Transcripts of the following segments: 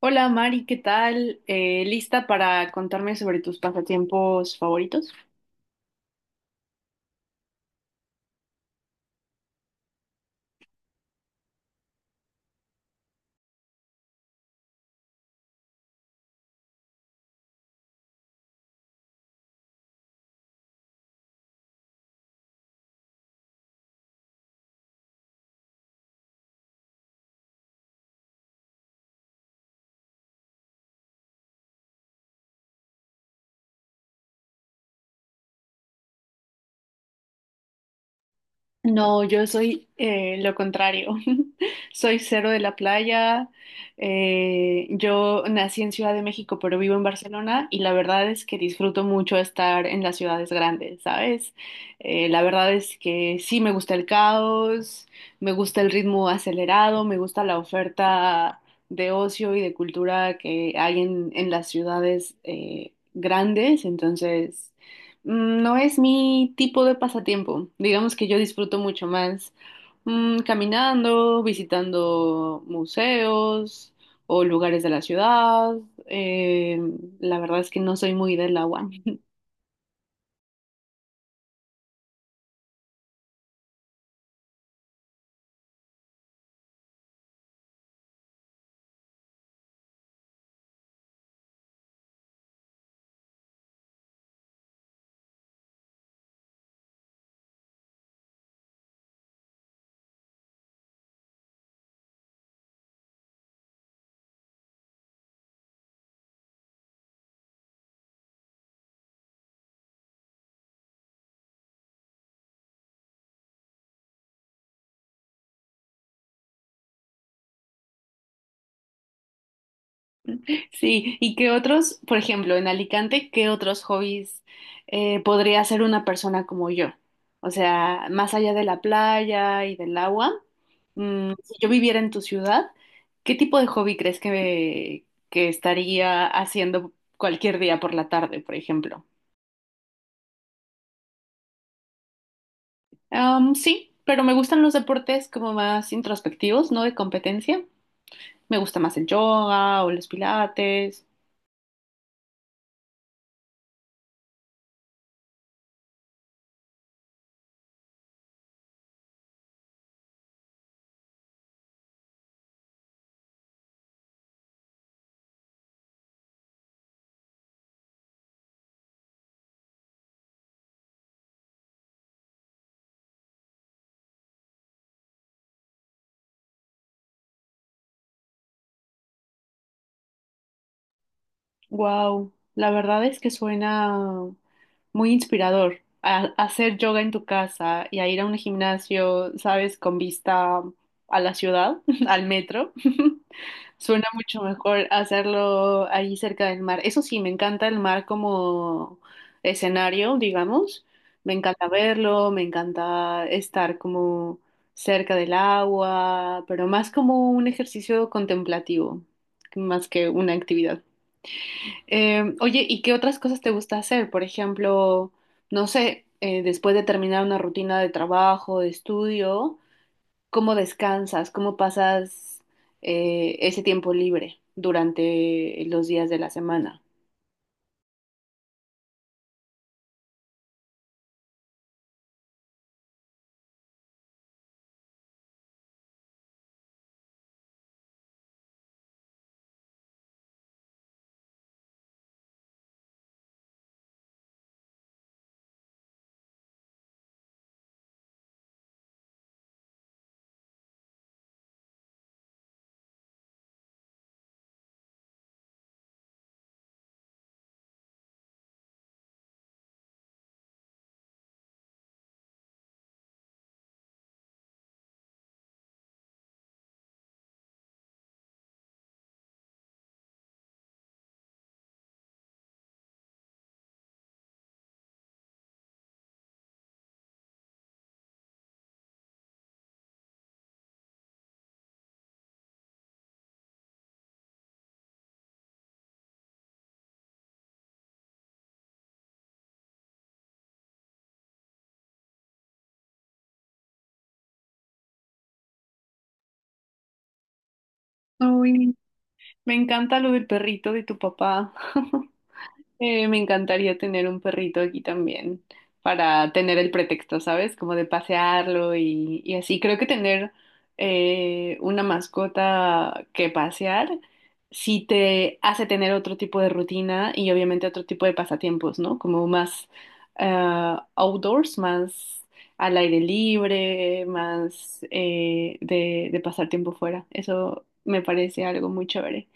Hola Mari, ¿qué tal? ¿Lista para contarme sobre tus pasatiempos favoritos? No, yo soy lo contrario. Soy cero de la playa. Yo nací en Ciudad de México, pero vivo en Barcelona y la verdad es que disfruto mucho estar en las ciudades grandes, ¿sabes? La verdad es que sí me gusta el caos, me gusta el ritmo acelerado, me gusta la oferta de ocio y de cultura que hay en las ciudades grandes. Entonces no es mi tipo de pasatiempo. Digamos que yo disfruto mucho más, caminando, visitando museos o lugares de la ciudad. Eh, la verdad es que no soy muy del agua. Sí, ¿y qué otros, por ejemplo, en Alicante, qué otros hobbies podría hacer una persona como yo? O sea, más allá de la playa y del agua, si yo viviera en tu ciudad, ¿qué tipo de hobby crees que estaría haciendo cualquier día por la tarde, por ejemplo? Am, sí, pero me gustan los deportes como más introspectivos, no de competencia. Me gusta más el yoga o los pilates. Wow, la verdad es que suena muy inspirador. A hacer yoga en tu casa y a ir a un gimnasio, ¿sabes? Con vista a la ciudad, al metro. Suena mucho mejor hacerlo ahí cerca del mar. Eso sí, me encanta el mar como escenario, digamos. Me encanta verlo, me encanta estar como cerca del agua, pero más como un ejercicio contemplativo, más que una actividad. Oye, ¿y qué otras cosas te gusta hacer? Por ejemplo, no sé, después de terminar una rutina de trabajo, de estudio, ¿cómo descansas? ¿Cómo pasas ese tiempo libre durante los días de la semana? Uy, me encanta lo del perrito de tu papá. Me encantaría tener un perrito aquí también para tener el pretexto, ¿sabes? Como de pasearlo y así. Creo que tener una mascota que pasear sí te hace tener otro tipo de rutina y obviamente otro tipo de pasatiempos, ¿no? Como más, outdoors, más al aire libre, más, de pasar tiempo fuera. Eso me parece algo muy chévere.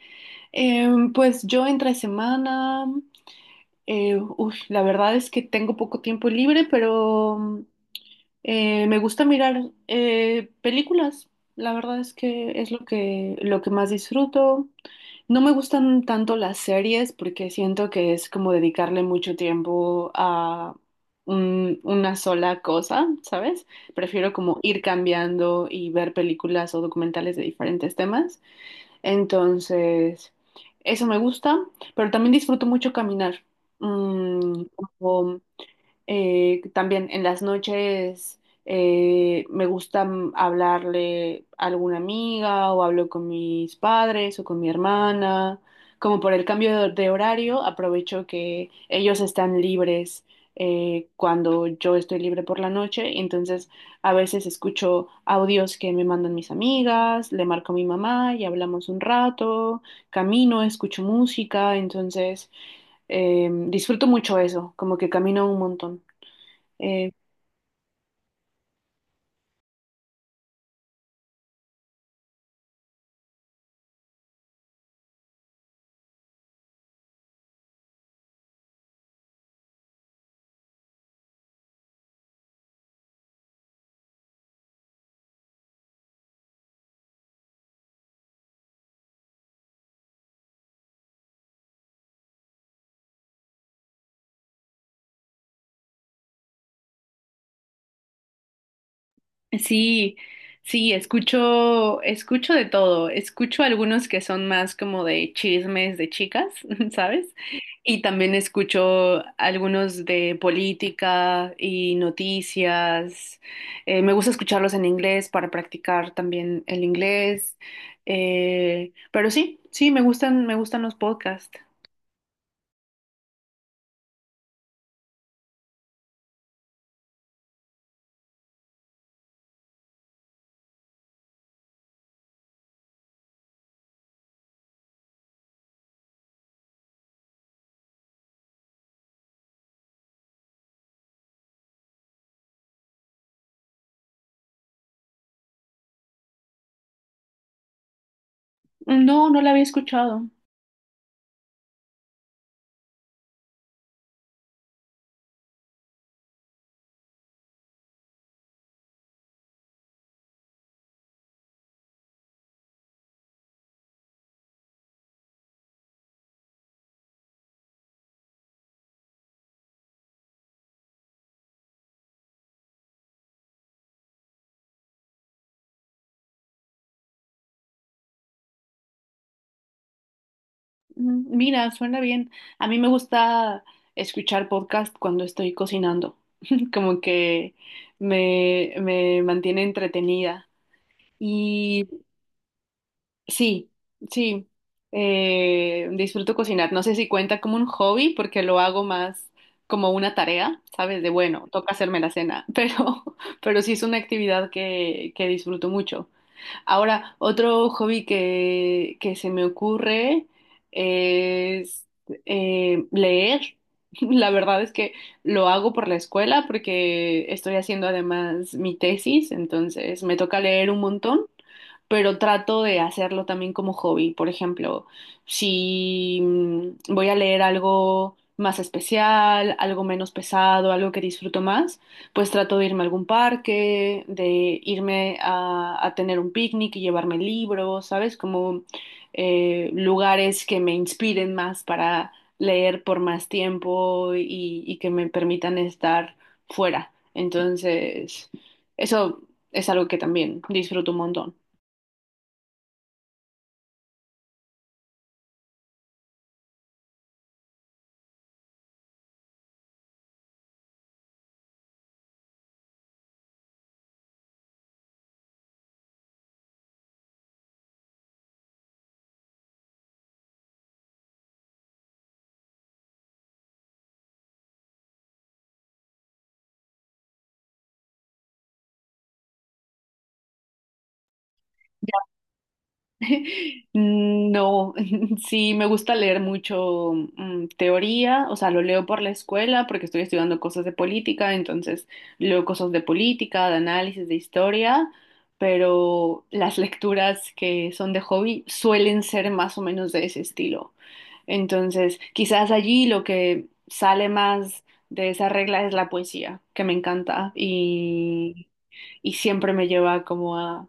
Em, pues yo entre semana. Uy, la verdad es que tengo poco tiempo libre, pero me gusta mirar películas. La verdad es que es lo que más disfruto. No me gustan tanto las series porque siento que es como dedicarle mucho tiempo a una sola cosa, ¿sabes? Prefiero como ir cambiando y ver películas o documentales de diferentes temas. Entonces, eso me gusta, pero también disfruto mucho caminar. Mm, como también en las noches me gusta, hablarle a alguna amiga o hablo con mis padres o con mi hermana. Como por el cambio de horario, aprovecho que ellos están libres cuando yo estoy libre por la noche. Entonces, a veces escucho audios que me mandan mis amigas, le marco a mi mamá y hablamos un rato, camino, escucho música. Entonces, em, disfruto mucho eso, como que camino un montón. Eh, sí, sí, escucho de todo. Escucho algunos que son más como de chismes de chicas, ¿sabes? Y también escucho algunos de política y noticias. Me gusta escucharlos en inglés para practicar también el inglés. Pero sí, sí, me gustan los podcasts. No, no la había escuchado. Mira, suena bien. A mí me gusta escuchar podcast cuando estoy cocinando, como que me mantiene entretenida. Y sí, sí, disfruto cocinar. No sé si cuenta como un hobby porque lo hago más como una tarea, ¿sabes? De bueno, toca hacerme la cena, pero sí es una actividad que disfruto mucho. Ahora, otro hobby que se me ocurre es, leer. La verdad es que lo hago por la escuela porque estoy haciendo además mi tesis, entonces me toca leer un montón, pero trato de hacerlo también como hobby. Por ejemplo, si voy a leer algo más especial, algo menos pesado, algo que disfruto más, pues trato de irme a algún parque, de irme a tener un picnic y llevarme libros, ¿sabes? Como lugares que me inspiren más para leer por más tiempo y que me permitan estar fuera. Entonces, eso es algo que también disfruto un montón. No, sí, me gusta leer mucho, teoría, o sea, lo leo por la escuela porque estoy estudiando cosas de política, entonces leo cosas de política, de análisis, de historia, pero las lecturas que son de hobby suelen ser más o menos de ese estilo. Entonces, quizás allí lo que sale más de esa regla es la poesía, que me encanta y siempre me lleva como a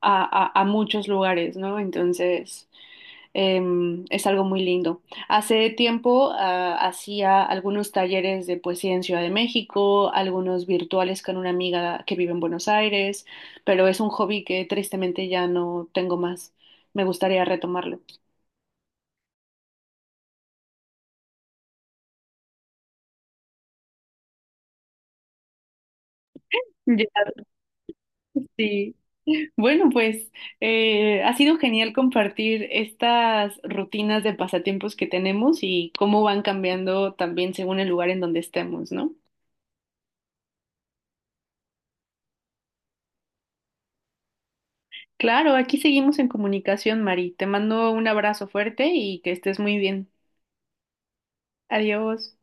a, a- a muchos lugares, ¿no? Entonces, em, es algo muy lindo. Hace tiempo, ah, hacía algunos talleres de poesía en Ciudad de México, algunos virtuales con una amiga que vive en Buenos Aires, pero es un hobby que tristemente ya no tengo más. Me gustaría retomarlo. Ya, sí. Bueno, pues ha sido genial compartir estas rutinas de pasatiempos que tenemos y cómo van cambiando también según el lugar en donde estemos, ¿no? Claro, aquí seguimos en comunicación, Mari. Te mando un abrazo fuerte y que estés muy bien. Adiós.